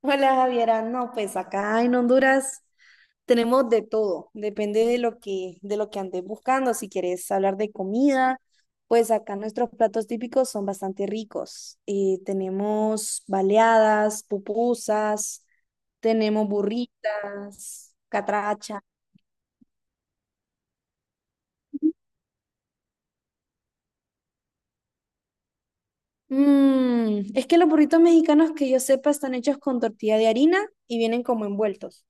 Hola Javiera, no, pues acá en Honduras tenemos de todo, depende de lo que andes buscando. Si quieres hablar de comida, pues acá nuestros platos típicos son bastante ricos. Tenemos baleadas, pupusas, tenemos burritas, catracha. Mm, es que los burritos mexicanos que yo sepa están hechos con tortilla de harina y vienen como envueltos.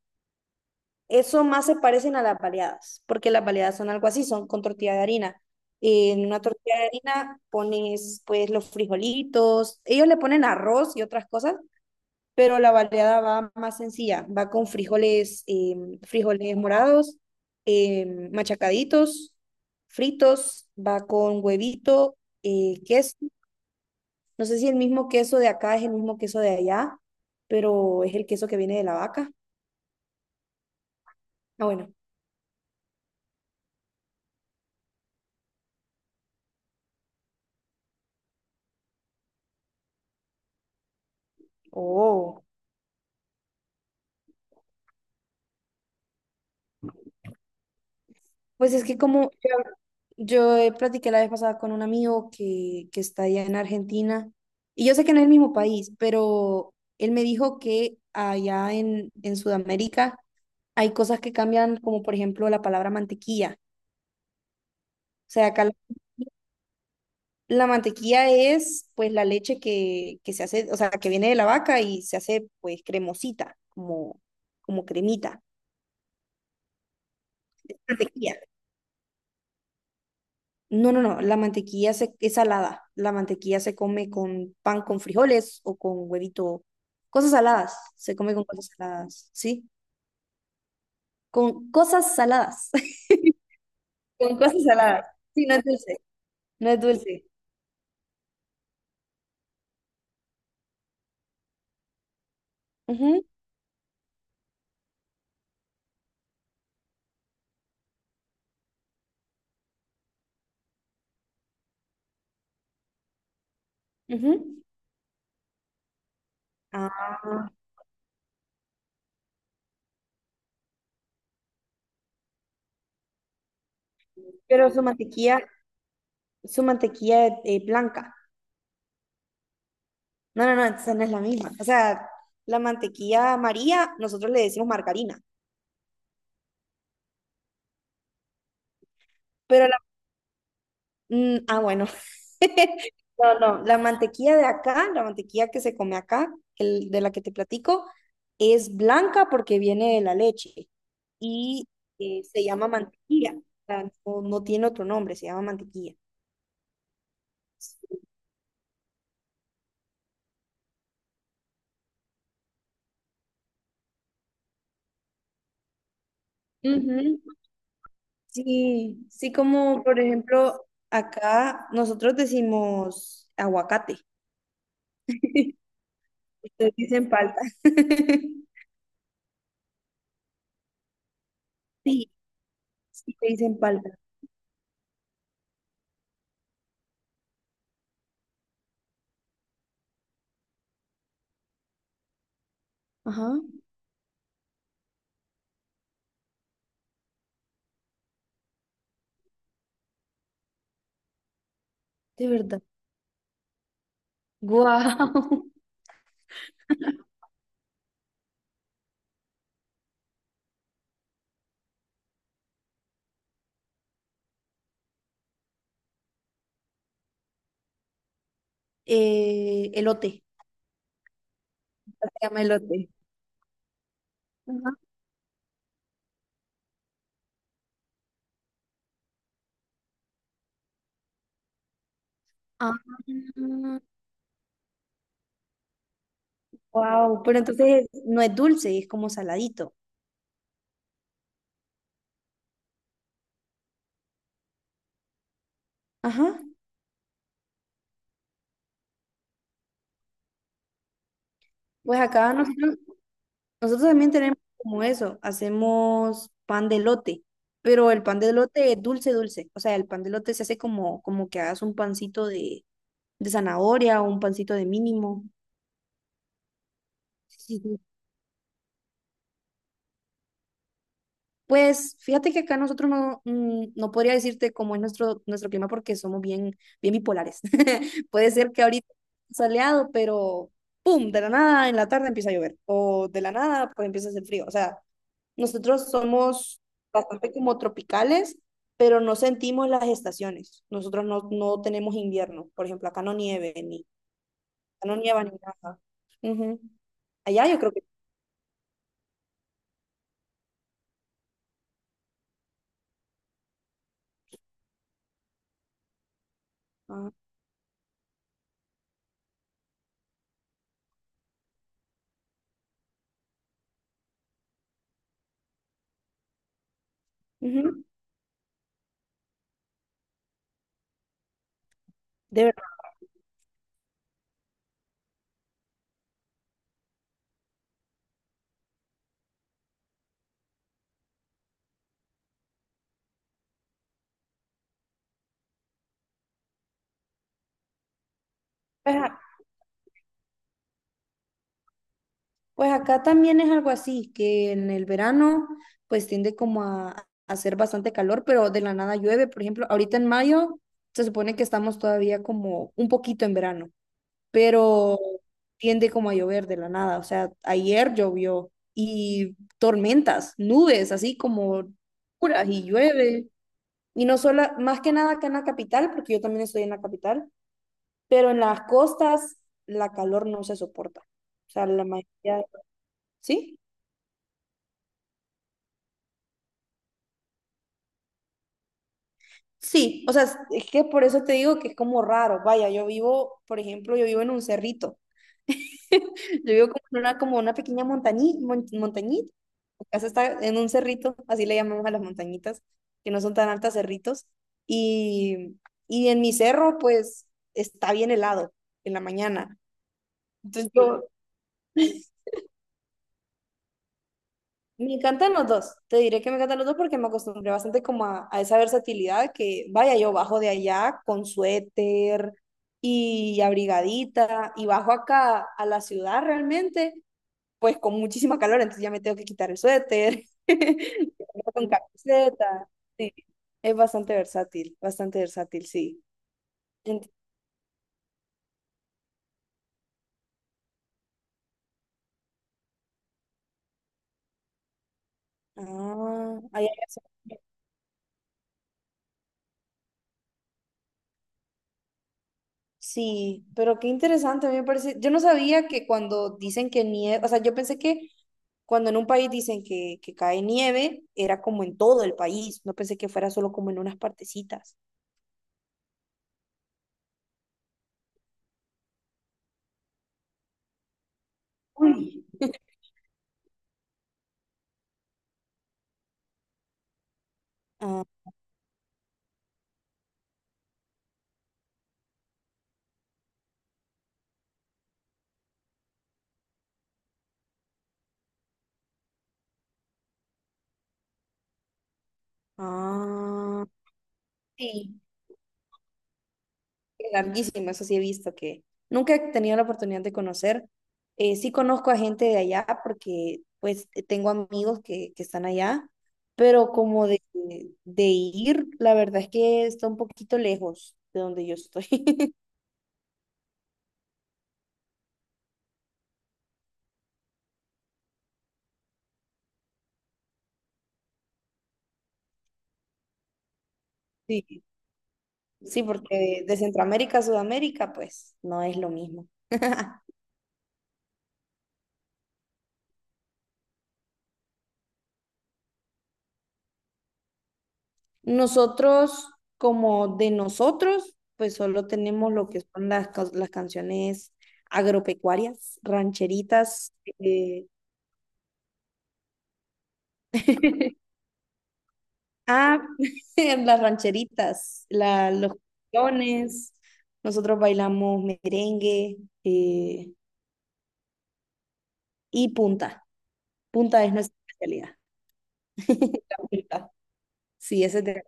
Eso más se parecen a las baleadas, porque las baleadas son algo así, son con tortilla de harina. En una tortilla de harina pones pues los frijolitos, ellos le ponen arroz y otras cosas, pero la baleada va más sencilla, va con frijoles, frijoles morados, machacaditos, fritos, va con huevito, queso. No sé si el mismo queso de acá es el mismo queso de allá, pero es el queso que viene de la vaca. Ah, bueno. Oh. Pues es que como yo platiqué la vez pasada con un amigo que está allá en Argentina, y yo sé que no es el mismo país, pero él me dijo que allá en Sudamérica hay cosas que cambian, como por ejemplo la palabra mantequilla. O sea, acá la, la mantequilla es pues la leche que se hace, o sea, que viene de la vaca y se hace pues cremosita, como, como cremita. Mantequilla. No, no, no, la mantequilla se, es salada. La mantequilla se come con pan con frijoles o con huevito. Cosas saladas, se come con cosas saladas, ¿sí? Con cosas saladas. Con cosas saladas. Sí, no es dulce. No es dulce. Ujú, ujú. Ah, pero su mantequilla es blanca. No, no, no, esa no es la misma. O sea, la mantequilla amarilla, nosotros le decimos margarina, pero mm, ah, bueno. No, no, la mantequilla de acá, la mantequilla que se come acá, el de la que te platico, es blanca porque viene de la leche y se llama mantequilla. O sea, no, no tiene otro nombre, se llama mantequilla. Ujú, sí, sí, como por ejemplo, acá nosotros decimos aguacate. Ustedes dicen palta. Sí, sí, te dicen palta. Ajá, de verdad. Guau. Elote. Se llama elote. Ajá. Wow, pero entonces no es dulce, es como saladito. Ajá. Pues acá nosotros, nosotros también tenemos como eso, hacemos pan de elote, pero el pan de elote es dulce, dulce. O sea, el pan de elote se hace como, como que hagas un pancito de zanahoria o un pancito de mínimo. Pues fíjate que acá nosotros no, mm, no podría decirte cómo es nuestro clima porque somos bien, bien bipolares. Puede ser que ahorita soleado, pero ¡pum! De la nada en la tarde empieza a llover o de la nada pues empieza a hacer frío. O sea, nosotros somos bastante como tropicales, pero no sentimos las estaciones. Nosotros no, no tenemos invierno. Por ejemplo, acá no nieva ni nada. Ujú. Allá yo creo que... ah, ujú. De verdad. Pues acá también es algo así, que en el verano pues tiende como a hacer bastante calor, pero de la nada llueve. Por ejemplo, ahorita en mayo se supone que estamos todavía como un poquito en verano, pero tiende como a llover de la nada. O sea, ayer llovió y tormentas, nubes, así como puras y llueve. Y no solo, más que nada acá en la capital, porque yo también estoy en la capital, pero en las costas la calor no se soporta. O sea, la mayoría, ¿sí? Sí, o sea, es que por eso te digo que es como raro. Vaya, yo vivo en un cerrito. Yo vivo como en una, como una pequeña montañita. Mi casa está en un cerrito, así le llamamos a las montañitas, que no son tan altas cerritos. Y, y en mi cerro, pues, está bien helado en la mañana. Entonces yo, Me encantan los dos, te diré que me encantan los dos porque me acostumbré bastante como a esa versatilidad que vaya yo bajo de allá con suéter y abrigadita y bajo acá a la ciudad realmente pues con muchísima calor, entonces ya me tengo que quitar el suéter y andar con camiseta, sí, es bastante versátil, sí. Ent- ah, ahí hay razón. Sí, pero qué interesante, a mí me parece, yo no sabía que cuando dicen que nieva, o sea, yo pensé que cuando en un país dicen que cae nieve, era como en todo el país. No pensé que fuera solo como en unas partecitas. Uy, ah, ah, sí. Qué larguísimo, eso sí he visto que nunca he tenido la oportunidad de conocer. Sí conozco a gente de allá porque pues tengo amigos que están allá, pero de ir, la verdad es que está un poquito lejos de donde yo estoy. Sí, sí, porque de Centroamérica a Sudamérica pues no es lo mismo. Nosotros, como de nosotros, pues solo tenemos lo que son las las canciones agropecuarias, rancheritas. eh, ah, las rancheritas, la, los canciones. Nosotros bailamos merengue eh, y punta. Punta es nuestra especialidad. La punta. Sí, ese es de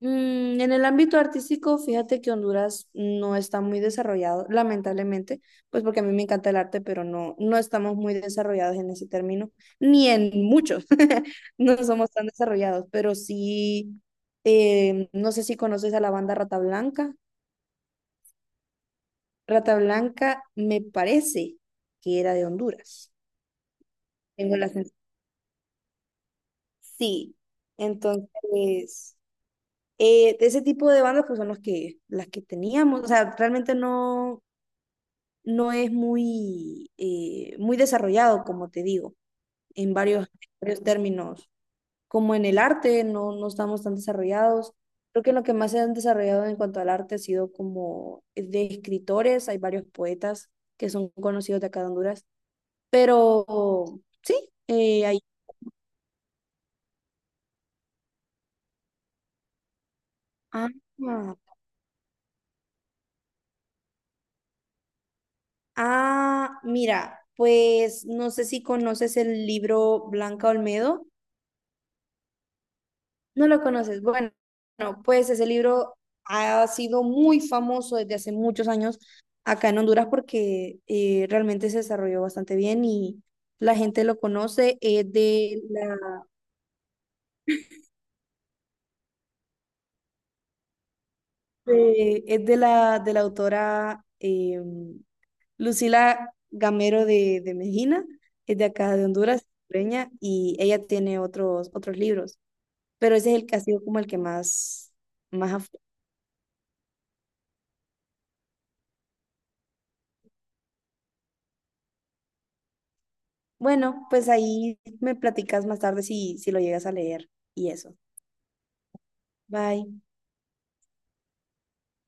Mm, en el ámbito artístico, fíjate que Honduras no está muy desarrollado, lamentablemente, pues porque a mí me encanta el arte, pero no, no estamos muy desarrollados en ese término, ni en muchos, no somos tan desarrollados, pero sí, no sé si conoces a la banda Rata Blanca. Rata Blanca me parece que era de Honduras. Tengo la sens- Sí, entonces, de ese tipo de bandas pues son los que, las que teníamos, o sea, realmente no es muy, muy desarrollado, como te digo, en varios términos. Como en el arte, no, no estamos tan desarrollados. Creo que lo que más se han desarrollado en cuanto al arte ha sido como de escritores, hay varios poetas que son conocidos de acá de Honduras, pero sí, eh, hay... Ah, ah, mira, pues no sé si conoces el libro Blanca Olmedo. No lo conoces. Bueno, no, pues ese libro ha sido muy famoso desde hace muchos años acá en Honduras porque realmente se desarrolló bastante bien y la gente lo conoce. Es de la autora Lucila Gamero de Mejina, es de acá de Honduras, hondureña, y ella tiene otros, otros libros, pero ese es el que ha sido como el que más, más ha bueno, pues ahí me platicas más tarde si, si lo llegas a leer y eso. Bye.